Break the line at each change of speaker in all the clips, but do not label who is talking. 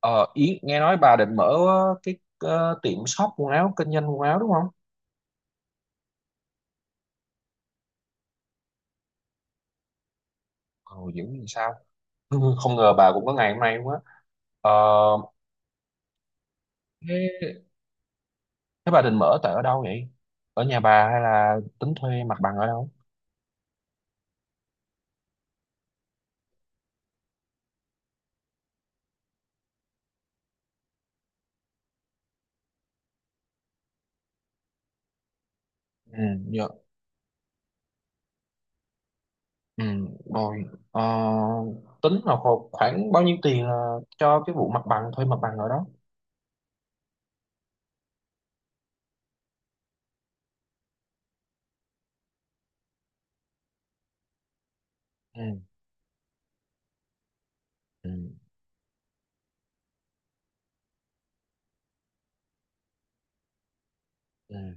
Ờ, Yến nghe nói bà định mở tiệm shop quần áo kinh doanh quần áo đúng không? Ồ dữ gì sao? Không ngờ bà cũng có ngày hôm nay luôn á. Ờ, thế, thế bà định mở tại ở đâu vậy? Ở nhà bà hay là tính thuê mặt bằng ở đâu? Ừ, dạ. Ừ, rồi. Ờ, tính là khoảng bao nhiêu tiền là cho cái vụ mặt bằng thuê mặt bằng ở đó? Ừ, ừ, ừ,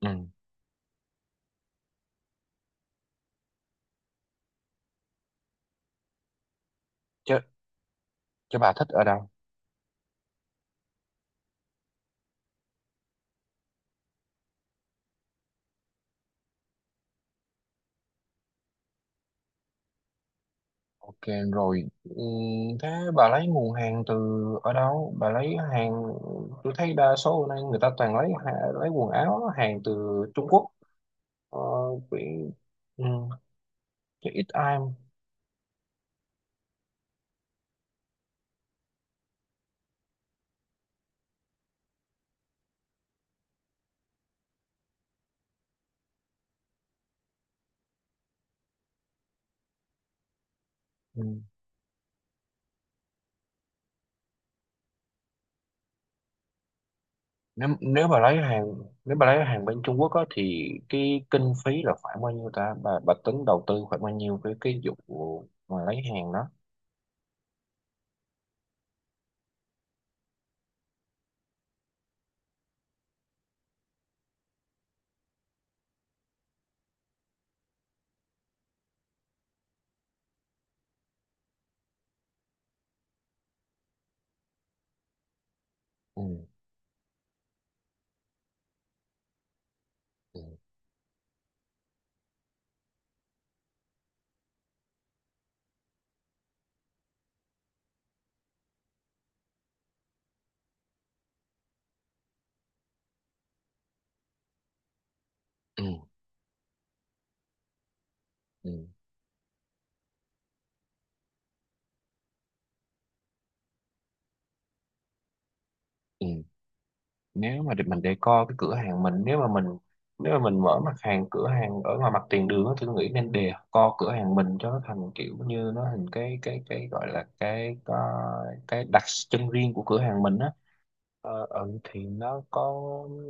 ừ. Chứ, chứ bà thích ở đâu? Ok rồi. Ừ, thế bà lấy nguồn hàng từ ở đâu? Bà lấy hàng tôi thấy đa số hôm nay người ta toàn lấy lấy quần áo hàng từ Trung Quốc. Ờ, vì- ừ, chứ ít ai. Ừ. Nếu nếu bà lấy hàng nếu bà lấy hàng bên Trung Quốc á, thì cái kinh phí là khoảng bao nhiêu ta? Bà tính đầu tư khoảng bao nhiêu cái vụ mà lấy hàng đó? Ừ. Ừ. Ừ. Ừ. Ừ. Nếu mà mình decor cái cửa hàng mình, nếu mà mình nếu mà mình mở mặt hàng cửa hàng ở ngoài mặt tiền đường á, thì tôi nghĩ nên decor cửa hàng mình cho nó thành kiểu như nó thành cái gọi là cái đặc trưng riêng của cửa hàng mình á. Thì nó có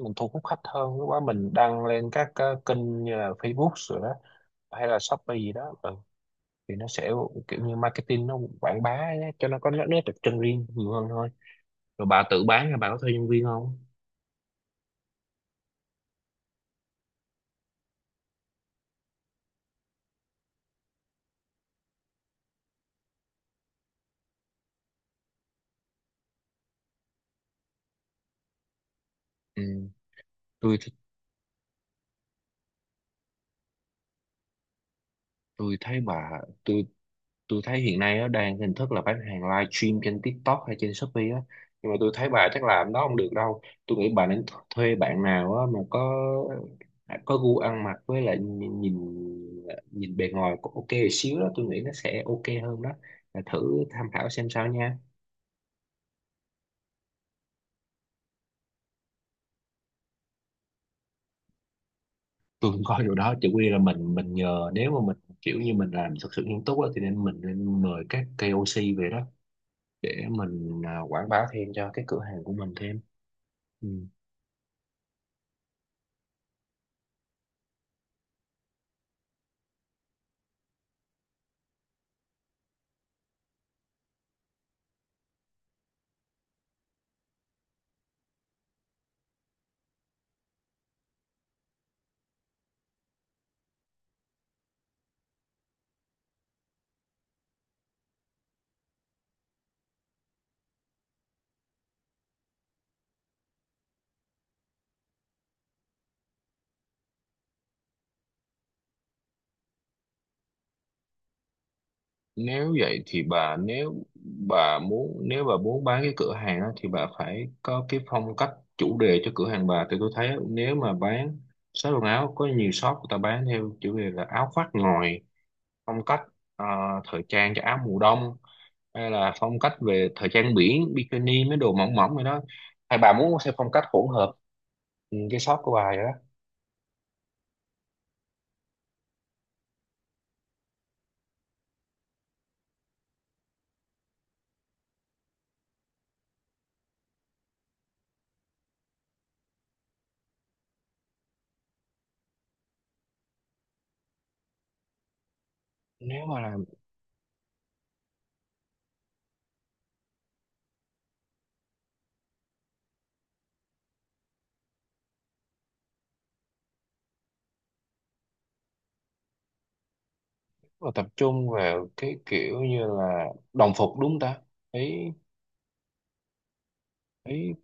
mình thu hút khách hơn, lúc đó mình đăng lên các kênh như là Facebook rồi đó hay là Shopee gì đó, ừ. Thì nó sẽ kiểu như marketing nó quảng bá ấy, cho nó có nét nét đặc trưng riêng nhiều hơn thôi. Rồi bà tự bán hay bà có thuê nhân viên không? Ừ. tôi tôi thấy mà tôi tôi thấy hiện nay nó đang hình thức là bán hàng live stream trên TikTok hay trên Shopee á, nhưng mà tôi thấy bà chắc làm đó không được đâu. Tôi nghĩ bà nên thuê bạn nào á mà có gu ăn mặc, với lại nhìn nhìn, nhìn bề ngoài cũng ok một xíu đó, tôi nghĩ nó sẽ ok hơn đó. Bà thử tham khảo xem sao nha. Tôi cũng coi điều đó chỉ quy là mình nhờ, nếu mà mình kiểu như mình làm thật sự nghiêm túc á, thì nên mình nên mời các KOC về đó để mình quảng bá thêm cho cái cửa hàng của mình thêm. Ừ. Nếu vậy thì bà, nếu bà muốn bán cái cửa hàng á, thì bà phải có cái phong cách chủ đề cho cửa hàng bà. Thì tôi thấy nếu mà bán shop quần áo, có nhiều shop người ta bán theo chủ đề là áo khoác ngồi phong cách, à, thời trang cho áo mùa đông, hay là phong cách về thời trang biển bikini mấy đồ mỏng mỏng rồi đó, hay bà muốn theo phong cách hỗn hợp ừ, cái shop của bà vậy đó. Nếu mà là mà tập trung vào cái kiểu như là đồng phục đúng không ta? Thấy thấy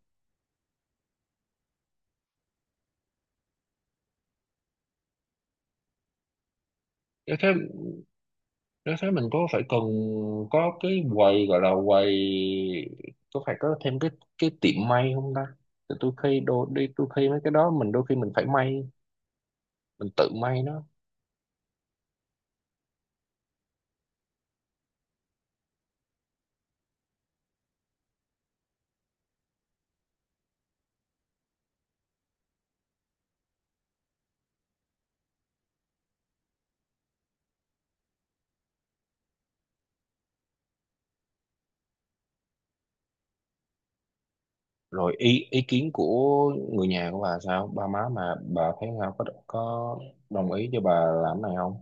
nếu thế nếu thế mình có phải cần có cái quầy gọi là quầy, có phải có thêm cái tiệm may không ta? Thì tôi khi đôi đi tôi khi mấy cái đó mình đôi khi mình phải may, mình tự may nó. Rồi ý ý kiến của người nhà của bà sao, ba má mà bà thấy sao, có đồng ý cho bà làm cái này không?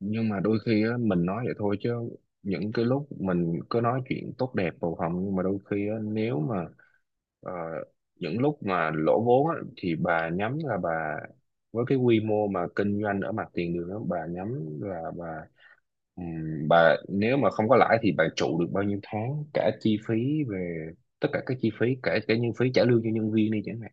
Nhưng mà đôi khi á, mình nói vậy thôi chứ những cái lúc mình cứ nói chuyện tốt đẹp bầu hồng, nhưng mà đôi khi á, nếu mà ờ, những lúc mà lỗ vốn á, thì bà nhắm là bà với cái quy mô mà kinh doanh ở mặt tiền đường á, bà nhắm là bà nếu mà không có lãi thì bà trụ được bao nhiêu tháng cả chi phí về tất cả các chi phí cả cả nhân phí trả lương cho nhân viên đi chẳng hạn.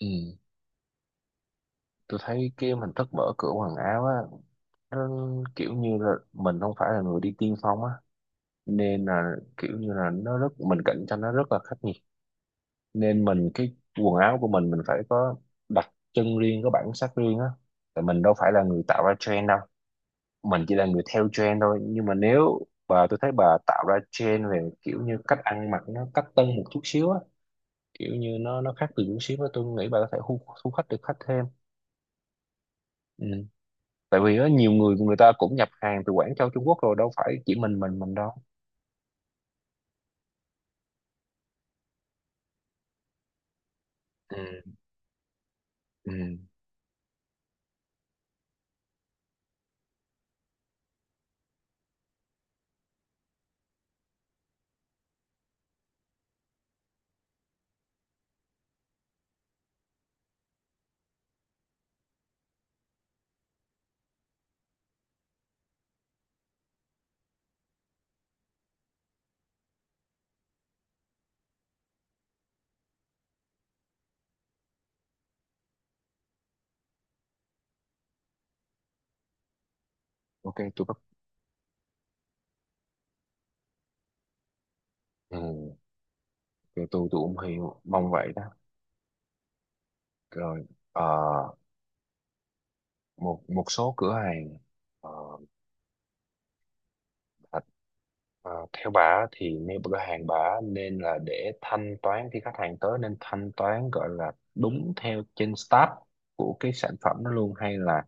Ừ. Tôi thấy cái hình thức mở cửa quần áo á, nó kiểu như là mình không phải là người đi tiên phong á, nên là kiểu như là nó rất mình cạnh tranh nó rất là khắc nghiệt, nên mình cái quần áo của mình phải có đặc trưng riêng, có bản sắc riêng á, tại mình đâu phải là người tạo ra trend đâu, mình chỉ là người theo trend thôi. Nhưng mà nếu bà tôi thấy bà tạo ra trend về kiểu như cách ăn mặc nó cách tân một chút xíu á, kiểu như nó khác từ chút xíu á, tôi nghĩ bà có thể thu thu khách được khách thêm. Ừ. Tại vì á nhiều người người ta cũng nhập hàng từ Quảng Châu Trung Quốc, rồi đâu phải chỉ mình đâu. Ừ. Ừ. Ok tôi bắt ừ. Rồi tôi cũng hiểu mong vậy đó. Rồi, ờ, một một số cửa hàng ờ, bà- theo bà á thì nếu cửa hàng bà á nên là để thanh toán khi khách hàng tới nên thanh toán gọi là đúng theo trên start của cái sản phẩm đó luôn, hay là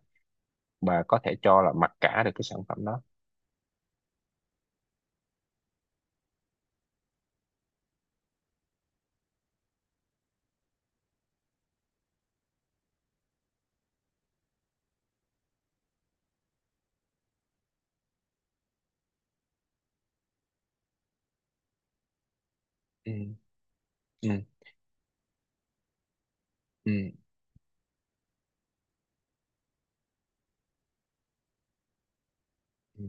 bà có thể cho là mặc cả được cái sản phẩm đó? Ừ, ừ, ừ, ừ.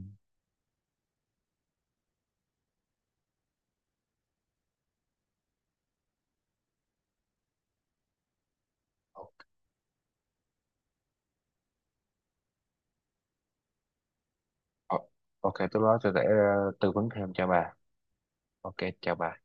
Ờ, ok tôi đó sẽ để tư vấn thêm cho bà. Ok, chào bà.